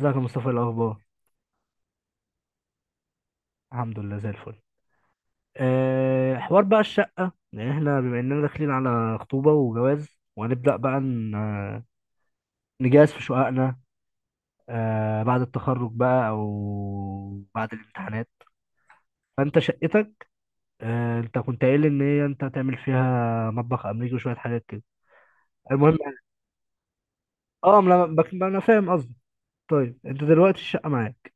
ازيك يا مصطفى؟ إيه الاخبار؟ الحمد لله زي الفل. حوار بقى الشقه، يعني احنا بما اننا داخلين على خطوبه وجواز، وهنبدا بقى نجهز في شققنا. بعد التخرج بقى او بعد الامتحانات. فانت شقتك، انت كنت قايل ان هي انت هتعمل فيها مطبخ امريكي وشويه حاجات كده. المهم اه ما انا بك- ما أنا فاهم قصدي. طيب انت دلوقتي الشقه معاك؟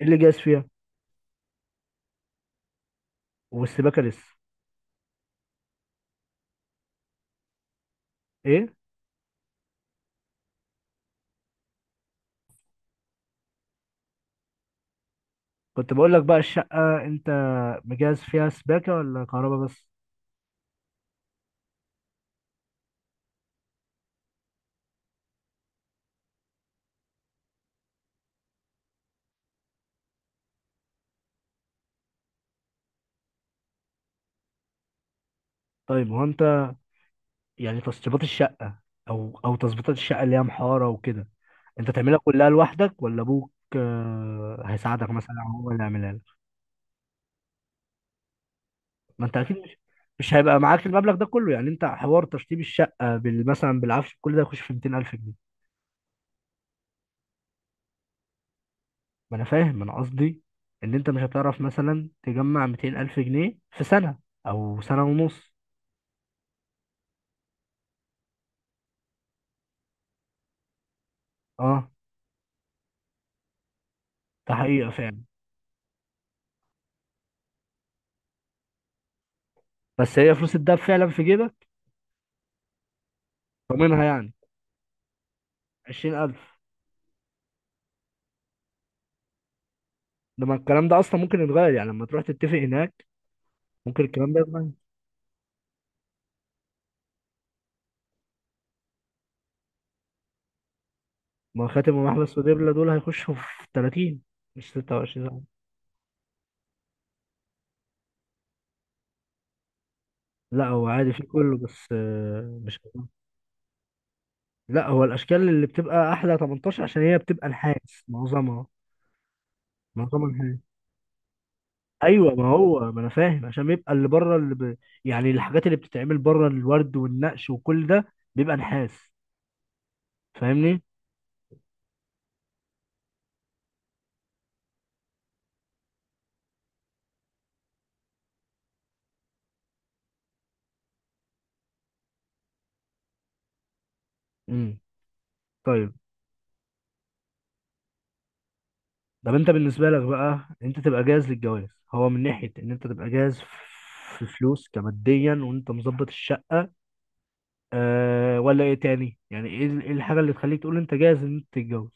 ايه اللي جاهز فيها؟ والسباكه لسه؟ ايه؟ كنت بقول لك بقى الشقه انت مجهز فيها سباكه ولا كهرباء بس؟ طيب هو انت يعني تشطيبات الشقة، او تظبيطات الشقة اللي هي محارة وكده، انت تعملها كلها لوحدك ولا ابوك هيساعدك مثلا، أو هو اللي يعملها لك؟ ما انت اكيد مش هيبقى معاك المبلغ ده كله، يعني انت حوار تشطيب الشقة بال مثلا بالعفش كل ده يخش في 200,000 جنيه. ما انا فاهم، انا قصدي ان انت مش هتعرف مثلا تجمع 200,000 جنيه في سنة او سنة ونص. اه، ده حقيقة فعلا. بس هي فلوس الدهب فعلا في جيبك؟ ضامنها يعني؟ 20,000؟ لما الكلام ده اصلا ممكن يتغير، يعني لما تروح تتفق هناك ممكن الكلام ده يتغير. ما هو خاتم ومحبس ودبلة دول هيخشوا في 30، مش 26 ساعة. لا هو عادي في كله بس مش. لا هو الاشكال اللي بتبقى احلى 18 عشان هي بتبقى نحاس معظمها. معظمها نحاس. ايوه، ما انا فاهم عشان بيبقى اللي بره يعني الحاجات اللي بتتعمل بره، الورد والنقش وكل ده بيبقى نحاس. فاهمني؟ امم. طيب، طب انت بالنسبه لك بقى، انت تبقى جاهز للجواز، هو من ناحيه ان انت تبقى جاهز في فلوس كماديا وانت مظبط الشقه، ولا ايه تاني؟ يعني ايه ايه الحاجه اللي تخليك تقول انت جاهز ان انت تتجوز؟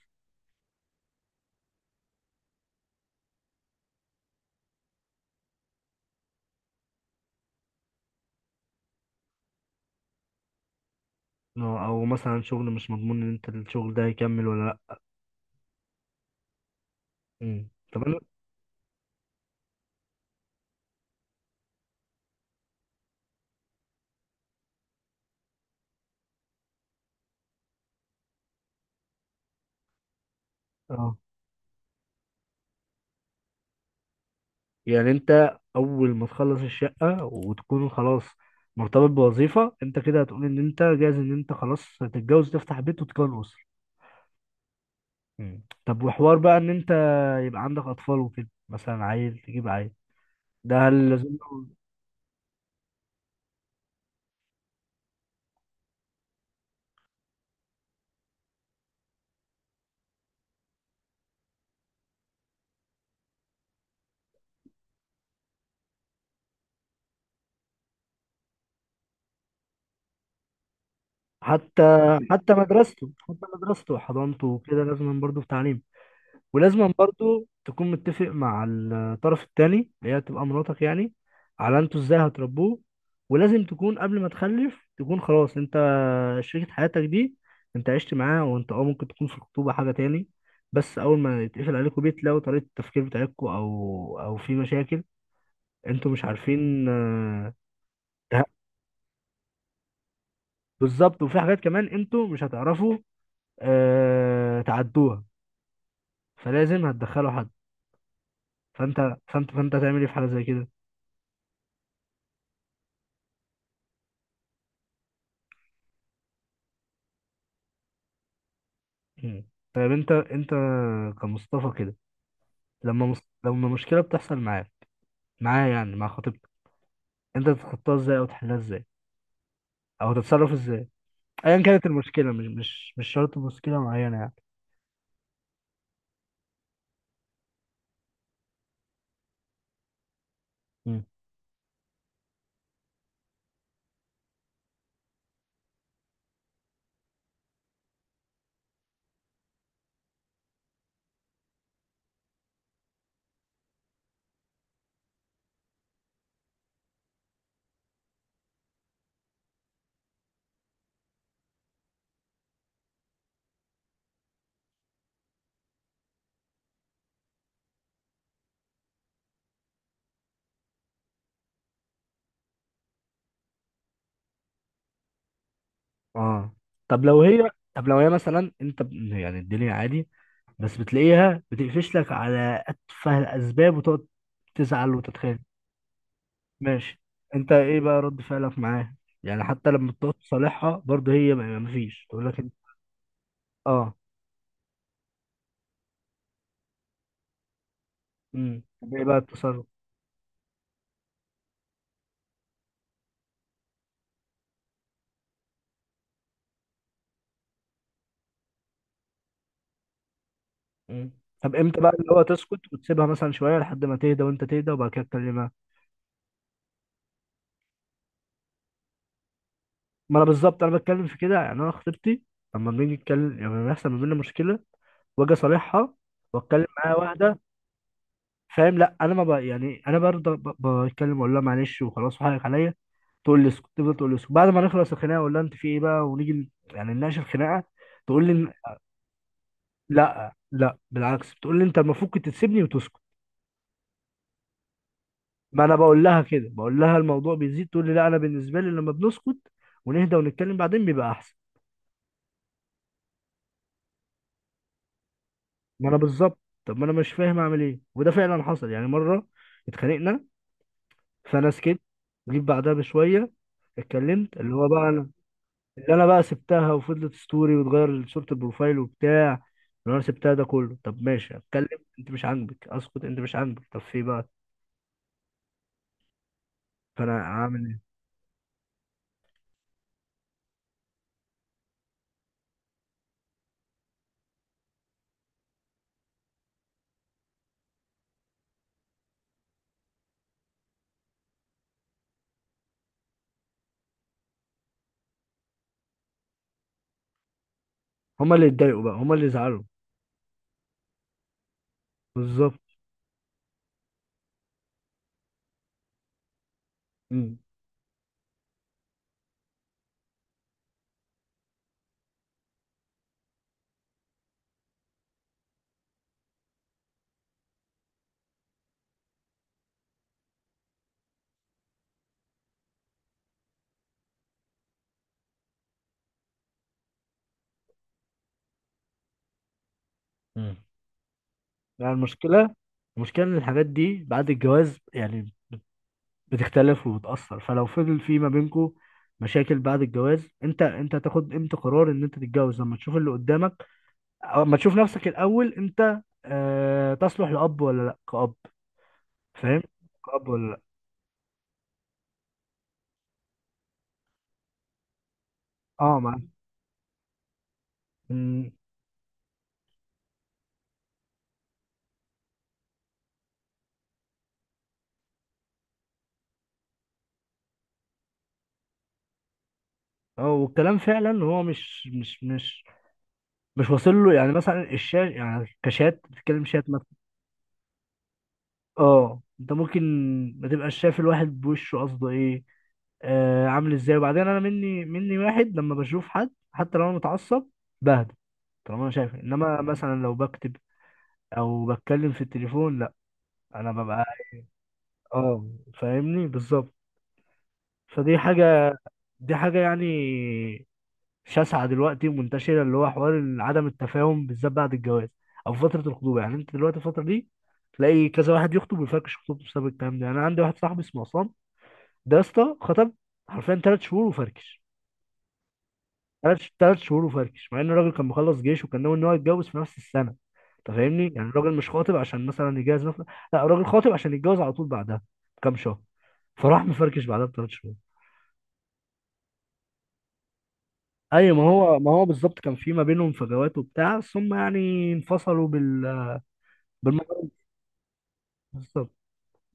او مثلا شغل مش مضمون ان انت الشغل ده هيكمل ولا لا. مم. طب انا. اه، يعني انت اول ما تخلص الشقه وتكون خلاص مرتبط بوظيفه، انت كده هتقول ان انت جاهز ان انت خلاص تتجوز، تفتح بيت وتكون اسره. مم. طب، وحوار بقى ان انت يبقى عندك اطفال وكده، مثلا عيل، تجيب عيل، ده هل لازم حتى حتى مدرسته، حتى مدرسته وحضانته وكده، لازم برضه في تعليم. ولازم برضه تكون متفق مع الطرف التاني، اللي هي تبقى مراتك يعني، على انتوا ازاي هتربوه. ولازم تكون قبل ما تخلف تكون خلاص انت، شريكة حياتك دي انت عشت معاها. وانت اه ممكن تكون في الخطوبة حاجة تاني، بس اول ما يتقفل عليكم بيت لو طريقة التفكير بتاعتكم او في مشاكل انتوا مش عارفين ته- بالظبط. وفي حاجات كمان انتوا مش هتعرفوا تعدوها، فلازم هتدخلوا حد. فانت هتعمل ايه في حاجه زي كده؟ مم. طيب، انت كمصطفى كده، لما لما مشكله بتحصل معاك، معايا يعني، مع خطيبتك، انت تتخطاها ازاي او تحلها ازاي او تتصرف ازاي؟ ايا كانت المشكله، مش شرط مشكله معينه يعني. مم. اه. طب لو هي، طب لو هي مثلا انت يعني الدنيا عادي بس بتلاقيها بتقفش لك على أتفه الأسباب وتقعد تزعل وتتخانق. ماشي، أنت إيه بقى رد فعلك معاه؟ يعني حتى لما بتقعد تصالحها برضه هي ما فيش تقول لك أنت آه امم، طب إيه بقى التصرف؟ امم، طب امتى بقى اللي هو تسكت وتسيبها مثلا شويه لحد ما تهدى وانت تهدى وبعد كده تكلمها؟ ما انا بالظبط، انا بتكلم في كده. يعني انا خطيبتي لما بنيجي نتكلم، يعني لما بيحصل ما بيننا مشكله واجي اصالحها واتكلم معاها، واحده. فاهم؟ لا انا ما ب... يعني انا برضه بتكلم، اقول لها معلش وخلاص وحقك عليا. تقول لي اسكت، تفضل تقول لي اسكت. بعد ما نخلص الخناقه اقول لها انت في ايه بقى، ونيجي يعني نناقش الخناقه. تقول لي لا لا، بالعكس، بتقول لي انت المفروض كنت تسيبني وتسكت. ما انا بقول لها كده، بقول لها الموضوع بيزيد، تقول لي لا انا بالنسبه لي لما بنسكت ونهدى ونتكلم بعدين بيبقى احسن. ما انا بالظبط. طب ما انا مش فاهم اعمل ايه. وده فعلا حصل يعني مره اتخانقنا، فانا سكت، جيت بعدها بشويه اتكلمت، اللي هو بقى انا اللي انا بقى سبتها وفضلت ستوري وتغير صورة البروفايل وبتاع، اللي انا سبتها ده كله. طب ماشي اتكلم، انت مش عاجبك اسكت، انت مش عاجبك، طب في إيه بقى؟ فانا عامل ايه؟ هما اللي اتضايقوا بقى، هما اللي زعلوا. بالظبط. امم. مم. يعني المشكلة، المشكلة ان الحاجات دي بعد الجواز يعني بتختلف وبتأثر. فلو فضل في ما بينكو مشاكل بعد الجواز، انت انت هتاخد امتى قرار ان انت تتجوز؟ لما تشوف اللي قدامك، او لما تشوف نفسك الاول انت آه تصلح لأب ولا لا كأب؟ فاهم؟ تقبل؟ اه، مع م- اه، والكلام فعلا هو مش واصل له. يعني مثلا الشات، يعني كشات بتتكلم، شات مثلا. اه، انت ممكن ما تبقاش شايف الواحد بوشه قصده ايه، آه عامل ازاي. وبعدين انا، مني واحد لما بشوف حد حتى لو انا متعصب بهدى، طالما انا شايف. انما مثلا لو بكتب او بتكلم في التليفون لا، انا ببقى اه. فاهمني؟ بالظبط. فدي حاجة، دي حاجة يعني شاسعه دلوقتي ومنتشره، اللي هو حوار إن عدم التفاهم بالذات بعد الجواز او فتره الخطوبه. يعني انت دلوقتي الفتره دي تلاقي كذا واحد يخطب ويفركش خطوبته بسبب الكلام ده. يعني انا عندي واحد صاحبي اسمه عصام، ده يا اسطى خطب حرفيا 3 شهور وفركش. ثلاث شهور وفركش مع ان الراجل كان مخلص جيش وكان ناوي ان هو يتجوز في نفس السنه. انت فاهمني؟ يعني الراجل مش خاطب عشان مثلا يجهز نفسه، لا الراجل خاطب عشان يتجوز على طول بعدها بكام شهر، فراح مفركش بعدها ب 3 شهور. ايوه، ما هو بالظبط كان في ما بينهم فجوات وبتاع، ثم يعني انفصلوا بال بالمقارنة. بالظبط.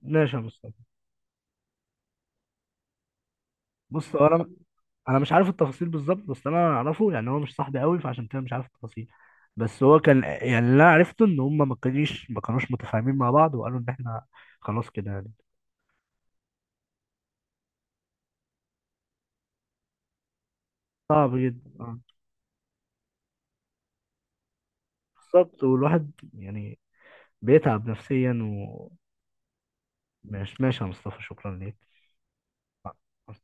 ماشي يا مصطفى. بص، هو انا انا مش عارف التفاصيل بالظبط، بس انا اعرفه يعني، هو مش صاحبي قوي فعشان كده مش عارف التفاصيل. بس هو كان يعني، اللي انا عرفته ان هم ما كانوش متفاهمين مع بعض، وقالوا ان احنا خلاص كده يعني. صعب جدا بالظبط. والواحد يعني بيتعب نفسيا. وماشي يا مصطفى، شكرا ليك.